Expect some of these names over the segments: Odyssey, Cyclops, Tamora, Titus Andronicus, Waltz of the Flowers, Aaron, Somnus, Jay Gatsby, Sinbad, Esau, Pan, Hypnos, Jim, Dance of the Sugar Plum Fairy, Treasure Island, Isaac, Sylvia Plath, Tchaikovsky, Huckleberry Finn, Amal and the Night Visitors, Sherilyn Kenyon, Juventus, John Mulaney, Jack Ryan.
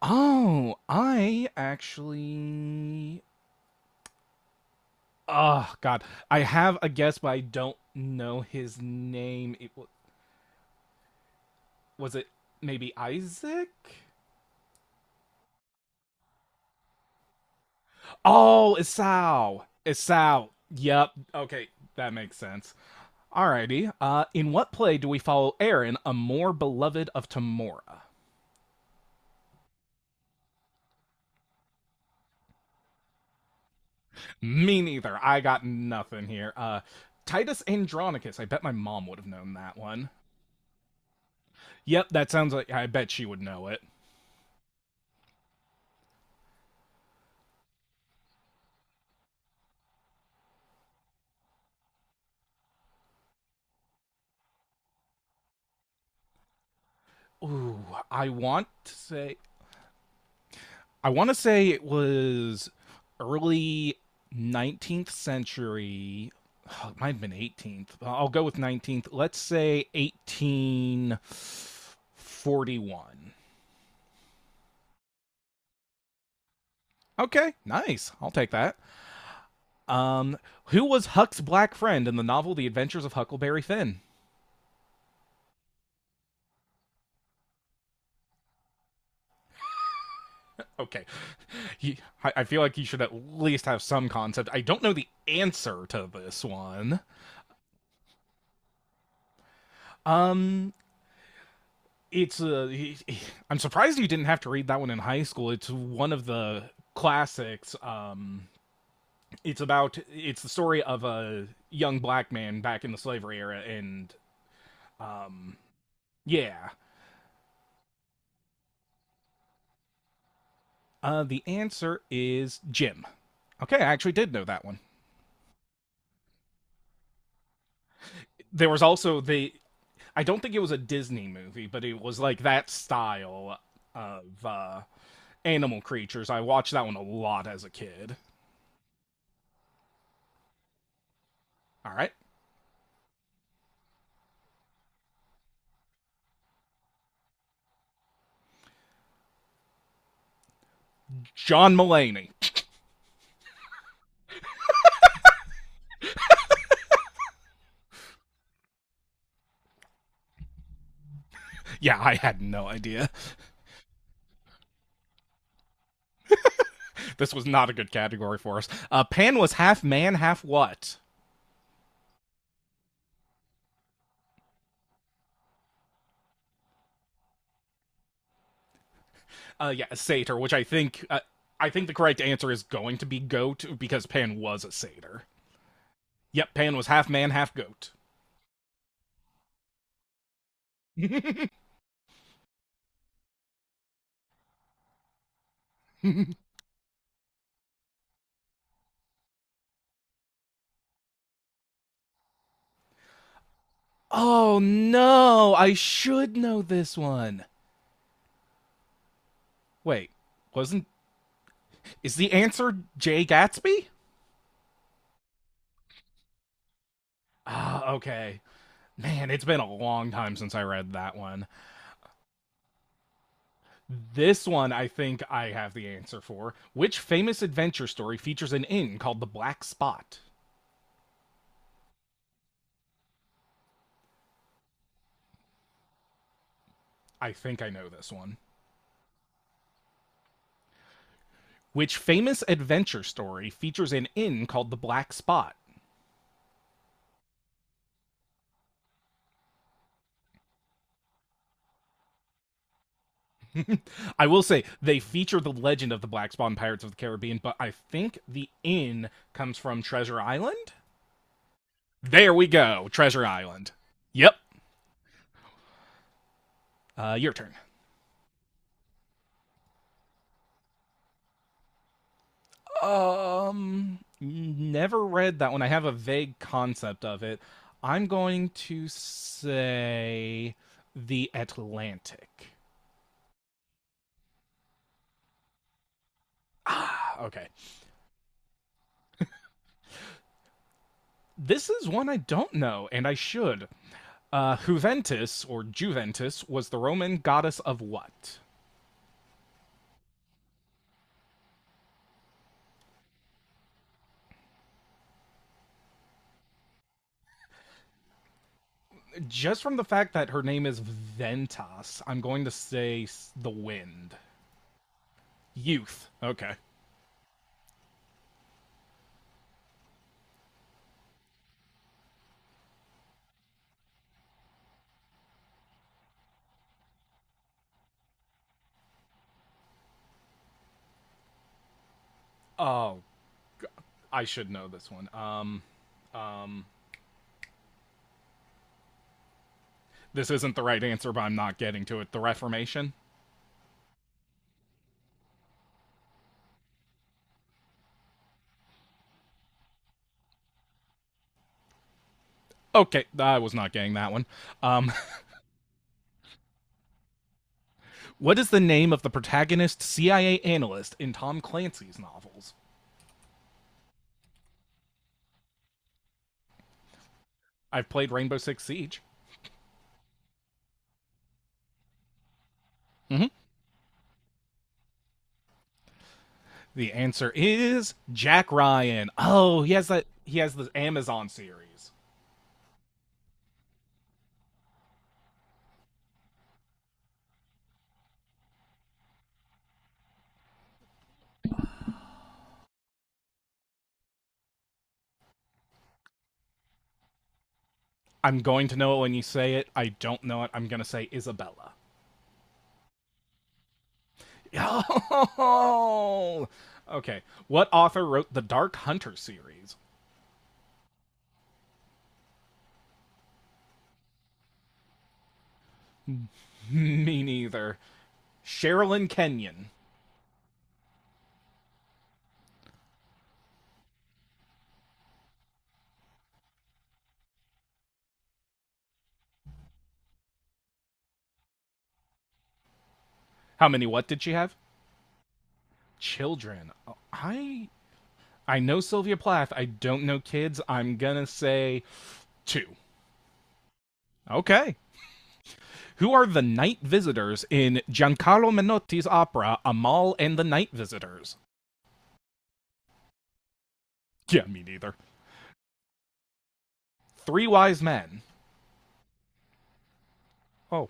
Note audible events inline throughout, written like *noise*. Oh, I actually. Oh God, I have a guess, but I don't know his name. Was it maybe Isaac? Oh, Esau. Esau. Yep. Okay, that makes sense. Alrighty. In what play do we follow Aaron, a more beloved of Tamora? Me neither. I got nothing here. Titus Andronicus. I bet my mom would have known that one. Yep, that sounds like I bet she would know it. Ooh, I want to say I want to say it was early 19th century. Oh, it might have been 18th. I'll go with 19th. Let's say 1841. Okay, nice. I'll take that. Um, who was Huck's black friend in the novel The Adventures of Huckleberry Finn? Okay, he, I feel like he should at least have some concept. I don't know the answer to this one. Um, it's a. I'm surprised you didn't have to read that one in high school. It's one of the classics. It's about it's the story of a young black man back in the slavery era, and um, yeah, the answer is Jim. Okay, I actually did know that one. There was also the. I don't think it was a Disney movie, but it was like that style of animal creatures. I watched that one a lot as a kid. All right, John Mulaney. *laughs* Yeah, I had no idea. This was not a good category for us. Pan was half man, half what? Yeah, a satyr, which I think the correct answer is going to be goat because Pan was a satyr. Yep, Pan was half man, half goat. *laughs* Oh no, I should know this one. Wait, wasn't is the answer Jay Gatsby? Okay. Man, it's been a long time since I read that one. This one, I think I have the answer for. Which famous adventure story features an inn called the Black Spot? I think I know this one. Which famous adventure story features an inn called the Black Spot? *laughs* I will say they feature the legend of the Black Spot in Pirates of the Caribbean, but I think the inn comes from Treasure Island. There we go, Treasure Island. Yep. Your turn. Never read that one. I have a vague concept of it. I'm going to say the Atlantic. Ah, okay. This is one I don't know, and I should. Juventus, or Juventus, was the Roman goddess of what? Just from the fact that her name is Ventas, I'm going to say the wind. Youth. Okay. I should know this one. This isn't the right answer, but I'm not getting to it. The Reformation? Okay, I was not getting that one. Um, *laughs* what is the name of the protagonist CIA analyst in Tom Clancy's novels? I've played Rainbow Six Siege. Mm-hmm. The answer is Jack Ryan. Oh, he has that. He has the Amazon series. I'm going to know it when you say it. I don't know it. I'm going to say Isabella. *laughs* Oh. Okay. What author wrote the Dark Hunter series? *laughs* Me neither. Sherilyn Kenyon. How many what did she have? Children. Oh, I know Sylvia Plath. I don't know kids. I'm gonna say two. Okay. Who are the night visitors in Giancarlo Menotti's opera Amal and the Night Visitors? Yeah, me neither. Three wise men. Oh.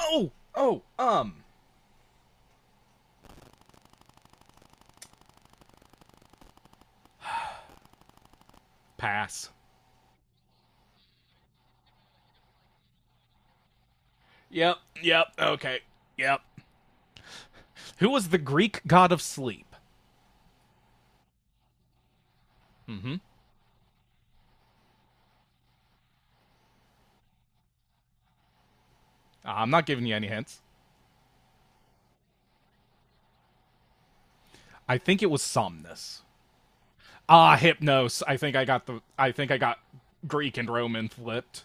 Oh, pass. Yep, yep, okay, yep. Who was the Greek god of sleep? Mm-hmm. I'm not giving you any hints. I think it was Somnus. Ah, Hypnos. I think I got the. I think I got Greek and Roman flipped.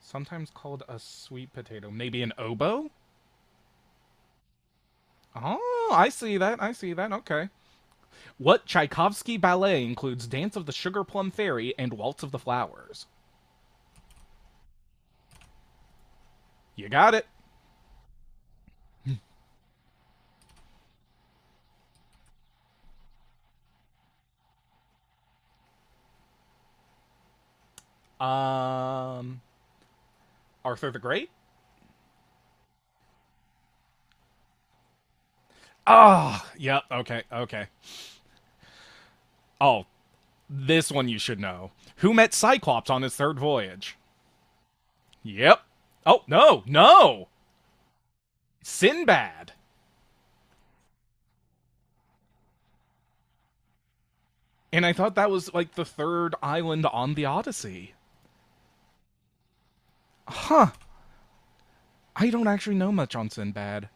Sometimes called a sweet potato. Maybe an oboe? Oh, I see that. I see that. Okay. What Tchaikovsky ballet includes Dance of the Sugar Plum Fairy and Waltz of the Flowers? You got it. Um, Arthur the Great? Ah, oh, yep. Yeah, okay, okay. Oh, this one you should know. Who met Cyclops on his third voyage? Yep. Oh, no, no. Sinbad. And I thought that was like the third island on the Odyssey. Huh. I don't actually know much on Sinbad.